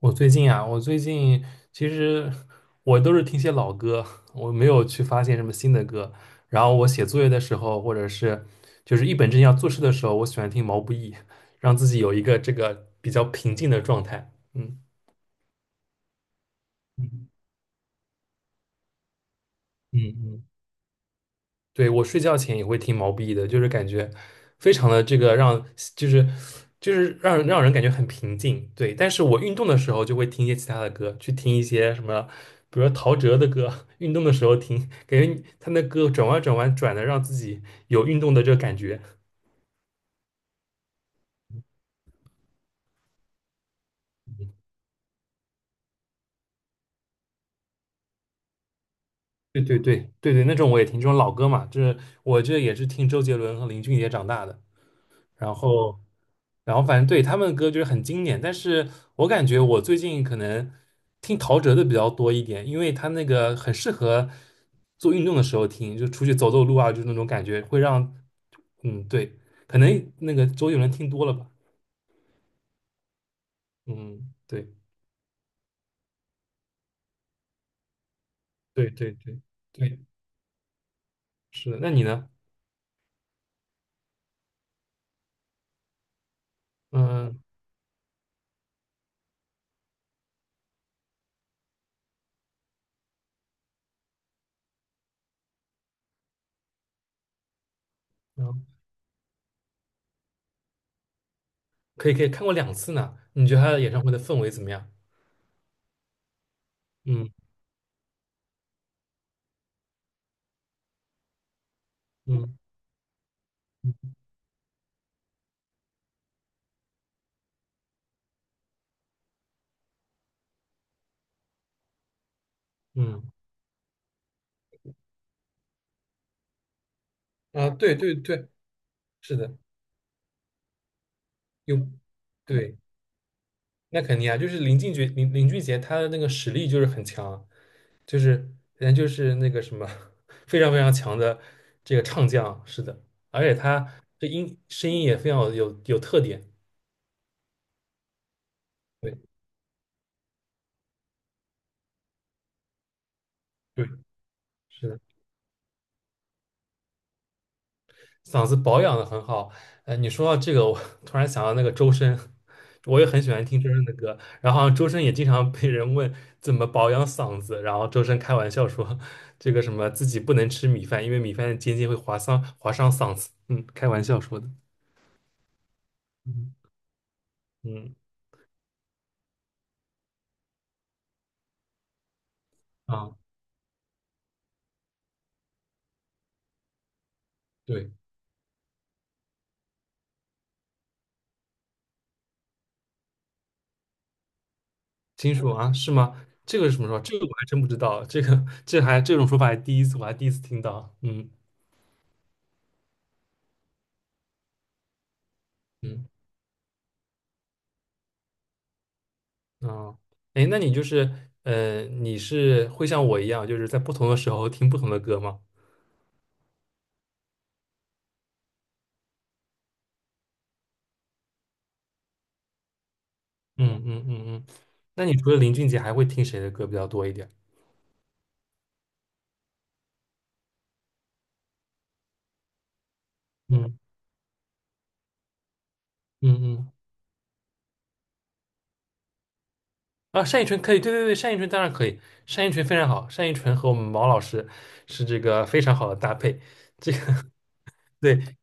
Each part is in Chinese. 我最近其实我都是听些老歌，我没有去发现什么新的歌。然后我写作业的时候，或者是就是一本正经要做事的时候，我喜欢听毛不易，让自己有一个这个比较平静的状态。嗯嗯嗯，嗯。对，我睡觉前也会听毛不易的，就是感觉非常的这个让，就是就是让人感觉很平静。对，但是我运动的时候就会听一些其他的歌，去听一些什么，比如说陶喆的歌，运动的时候听，感觉他那歌转弯转弯转的，让自己有运动的这个感觉。对对对对对，那种我也听，这种老歌嘛，就是我这也是听周杰伦和林俊杰长大的。然后，反正对他们的歌就是很经典，但是我感觉我最近可能听陶喆的比较多一点，因为他那个很适合做运动的时候听，就出去走走路啊，就那种感觉会让，嗯，对，可能那个周杰伦听多了吧，嗯，对，对对对对，是的，那你呢？嗯嗯，可以可以看过两次呢，你觉得他的演唱会的氛围怎么样？嗯嗯嗯嗯，啊，对对对，是的，有，对。那肯定啊，就是林俊杰，林俊杰他的那个实力就是很强，就是人家就是那个什么 非常非常强的这个唱将，是的，而且他这声音也非常有特点，对对，是的。嗓子保养的很好。你说到这个，我 突然想到那个周深，我也很喜欢听周深的歌。然后好像周深也经常被人问怎么保养嗓子，然后周深开玩笑说，这个什么自己不能吃米饭，因为米饭的尖尖会划伤嗓子。嗯，开玩笑说的。嗯嗯啊，对，金属啊，是吗？这个是什么说？这个我还真不知道，这种说法还第一次，我还第一次听到。嗯嗯。嗯，哎，那你就是，你是会像我一样，就是在不同的时候听不同的歌吗？嗯嗯嗯嗯。那你除了林俊杰，还会听谁的歌比较多一点？嗯嗯嗯。啊，单依纯可以，对对对，单依纯当然可以，单依纯非常好，单依纯和我们毛老师是这个非常好的搭配。这个 对。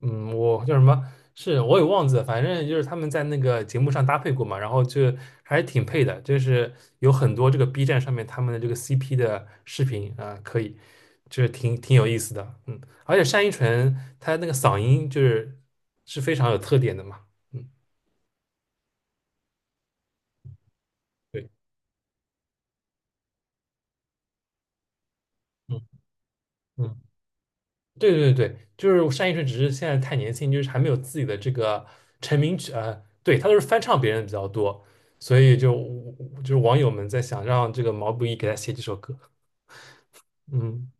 嗯，我叫什么？是我也忘记了，反正就是他们在那个节目上搭配过嘛，然后就还挺配的，就是有很多这个 B 站上面他们的这个 CP 的视频啊，可以，就是挺有意思的，嗯，而且单依纯她那个嗓音就是是非常有特点的嘛，嗯，对，嗯嗯对对对，就是单依纯，只是现在太年轻，就是还没有自己的这个成名曲，对，他都是翻唱别人的比较多，所以就是网友们在想让这个毛不易给他写几首歌，嗯，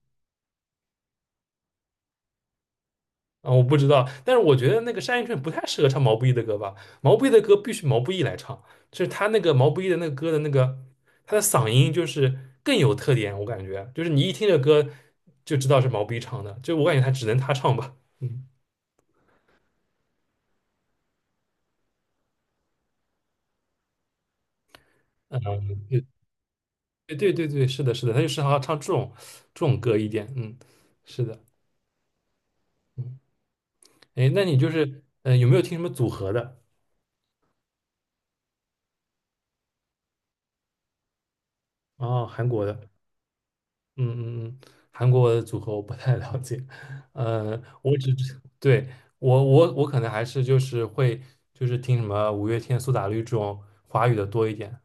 啊，我不知道，但是我觉得那个单依纯不太适合唱毛不易的歌吧，毛不易的歌必须毛不易来唱，就是他那个毛不易的那个歌的那个他的嗓音就是更有特点，我感觉就是你一听这歌就知道是毛不易唱的，就我感觉他只能他唱吧，嗯。嗯，对对对对，是的，是的，他就适合唱这种歌一点，嗯，是的，嗯，哎，那你就是，嗯，有没有听什么组合的？哦，韩国的，嗯嗯嗯，韩国的组合我不太了解，我只知对我可能还是就是会听什么五月天、苏打绿这种华语的多一点，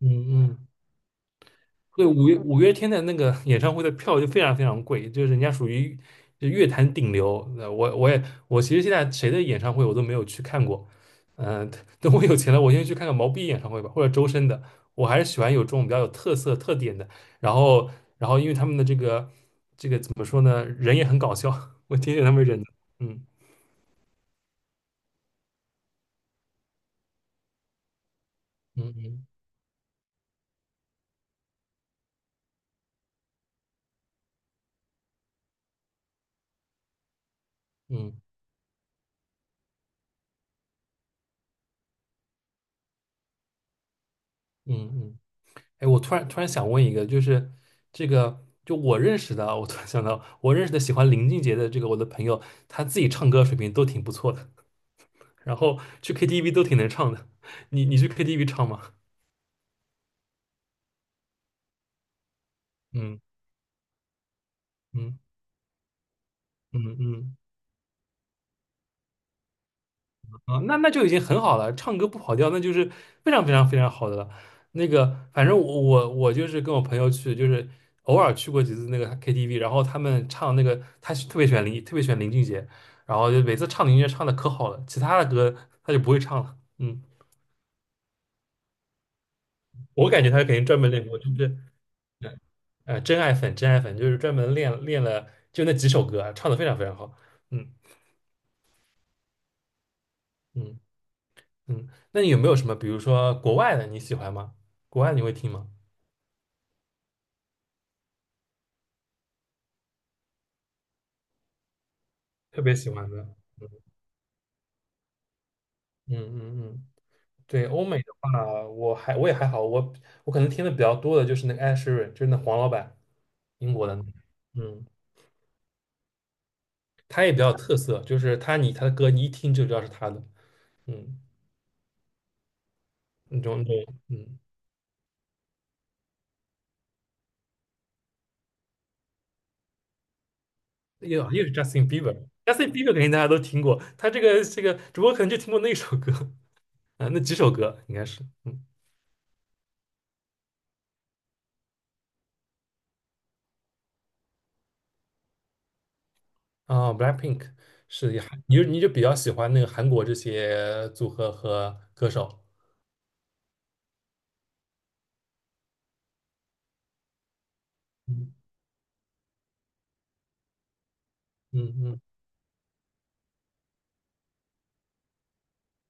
嗯嗯对，五月天的那个 演唱会的票就非常非常贵，就是人家属于就乐坛顶流。我其实现在谁的演唱会我都没有去看过，嗯、等我有钱了，我先去看看毛不易演唱会吧，或者周深的。我还是喜欢有这种比较有特色特点的。然后，因为他们的这个怎么说呢，人也很搞笑，我挺喜欢他们人的嗯嗯嗯嗯嗯嗯。嗯哎，我突然想问一个，就是这个，就我认识的啊我突然想到，我认识的喜欢林俊杰的这个我的朋友，他自己唱歌水平都挺不错的，然后去 KTV 都挺能唱的。你去 KTV 唱吗？嗯嗯嗯嗯。啊，那就已经很好了，唱歌不跑调，那就是非常非常非常好的了。那个，反正我就是跟我朋友去，就是偶尔去过几次那个 KTV，然后他们唱那个，他是特别喜欢林，特别喜欢林俊杰，然后就每次唱林俊杰唱的可好了，其他的歌他就不会唱了。嗯，我感觉他肯定专门练过，就是真爱粉，真爱粉就是专门练了就那几首歌啊，唱的非常非常好。嗯嗯嗯，那你有没有什么，比如说国外的你喜欢吗？国外你会听吗？特别喜欢的。嗯嗯嗯，对，欧美的话，我也还好，我我可能听的比较多的就是那个 Ed s h e r 就是那黄老板，英国的那个嗯，他也比较有特色，就是他的歌你一听就知道是他的，嗯，那种，嗯，又是 Justin Bieber，Justin Bieber 肯定大家都听过，他这个主播可能就听过那首歌 啊，那几首歌应该是，嗯啊，Blackpink 是也还你就比较喜欢那个韩国这些组合和歌手，嗯嗯嗯。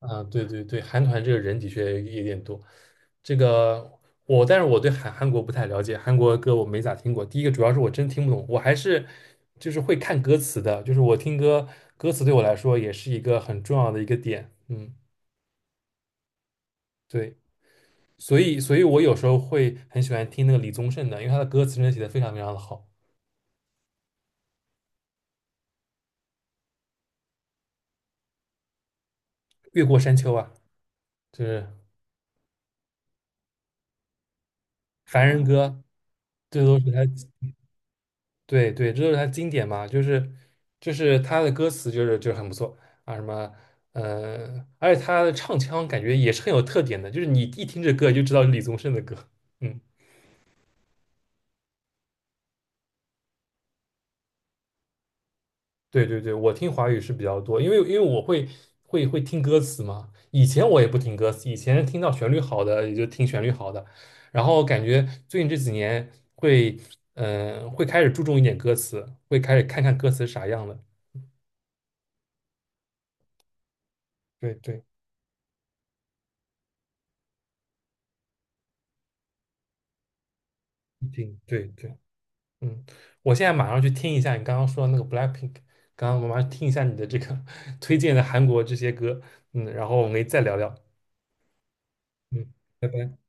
啊，对对对，韩团这个人的确有点多。这个我，但是我对韩国不太了解，韩国歌我没咋听过。第一个主要是我真听不懂，我还是就是会看歌词的，就是我听歌歌词对我来说也是一个很重要的一个点。嗯，对，所以我有时候会很喜欢听那个李宗盛的，因为他的歌词真的写的非常非常的好，《越过山丘》啊，就是《凡人歌》，这都是他。对对，这就是他经典嘛，就是他的歌词就是很不错啊，什么而且他的唱腔感觉也是很有特点的，就是你一听这歌就知道是李宗盛的歌。嗯，对对对，我听华语是比较多，因为我会听歌词嘛，以前我也不听歌词，以前听到旋律好的也就听旋律好的，然后感觉最近这几年会嗯会开始注重一点歌词，会开始看看歌词啥样的，对对，一定对对。嗯，我现在马上去听一下你刚刚说的那个 Blackpink，刚刚我马上听一下你的这个 推荐的韩国这些歌，嗯，然后我们可以再聊聊，嗯，拜拜。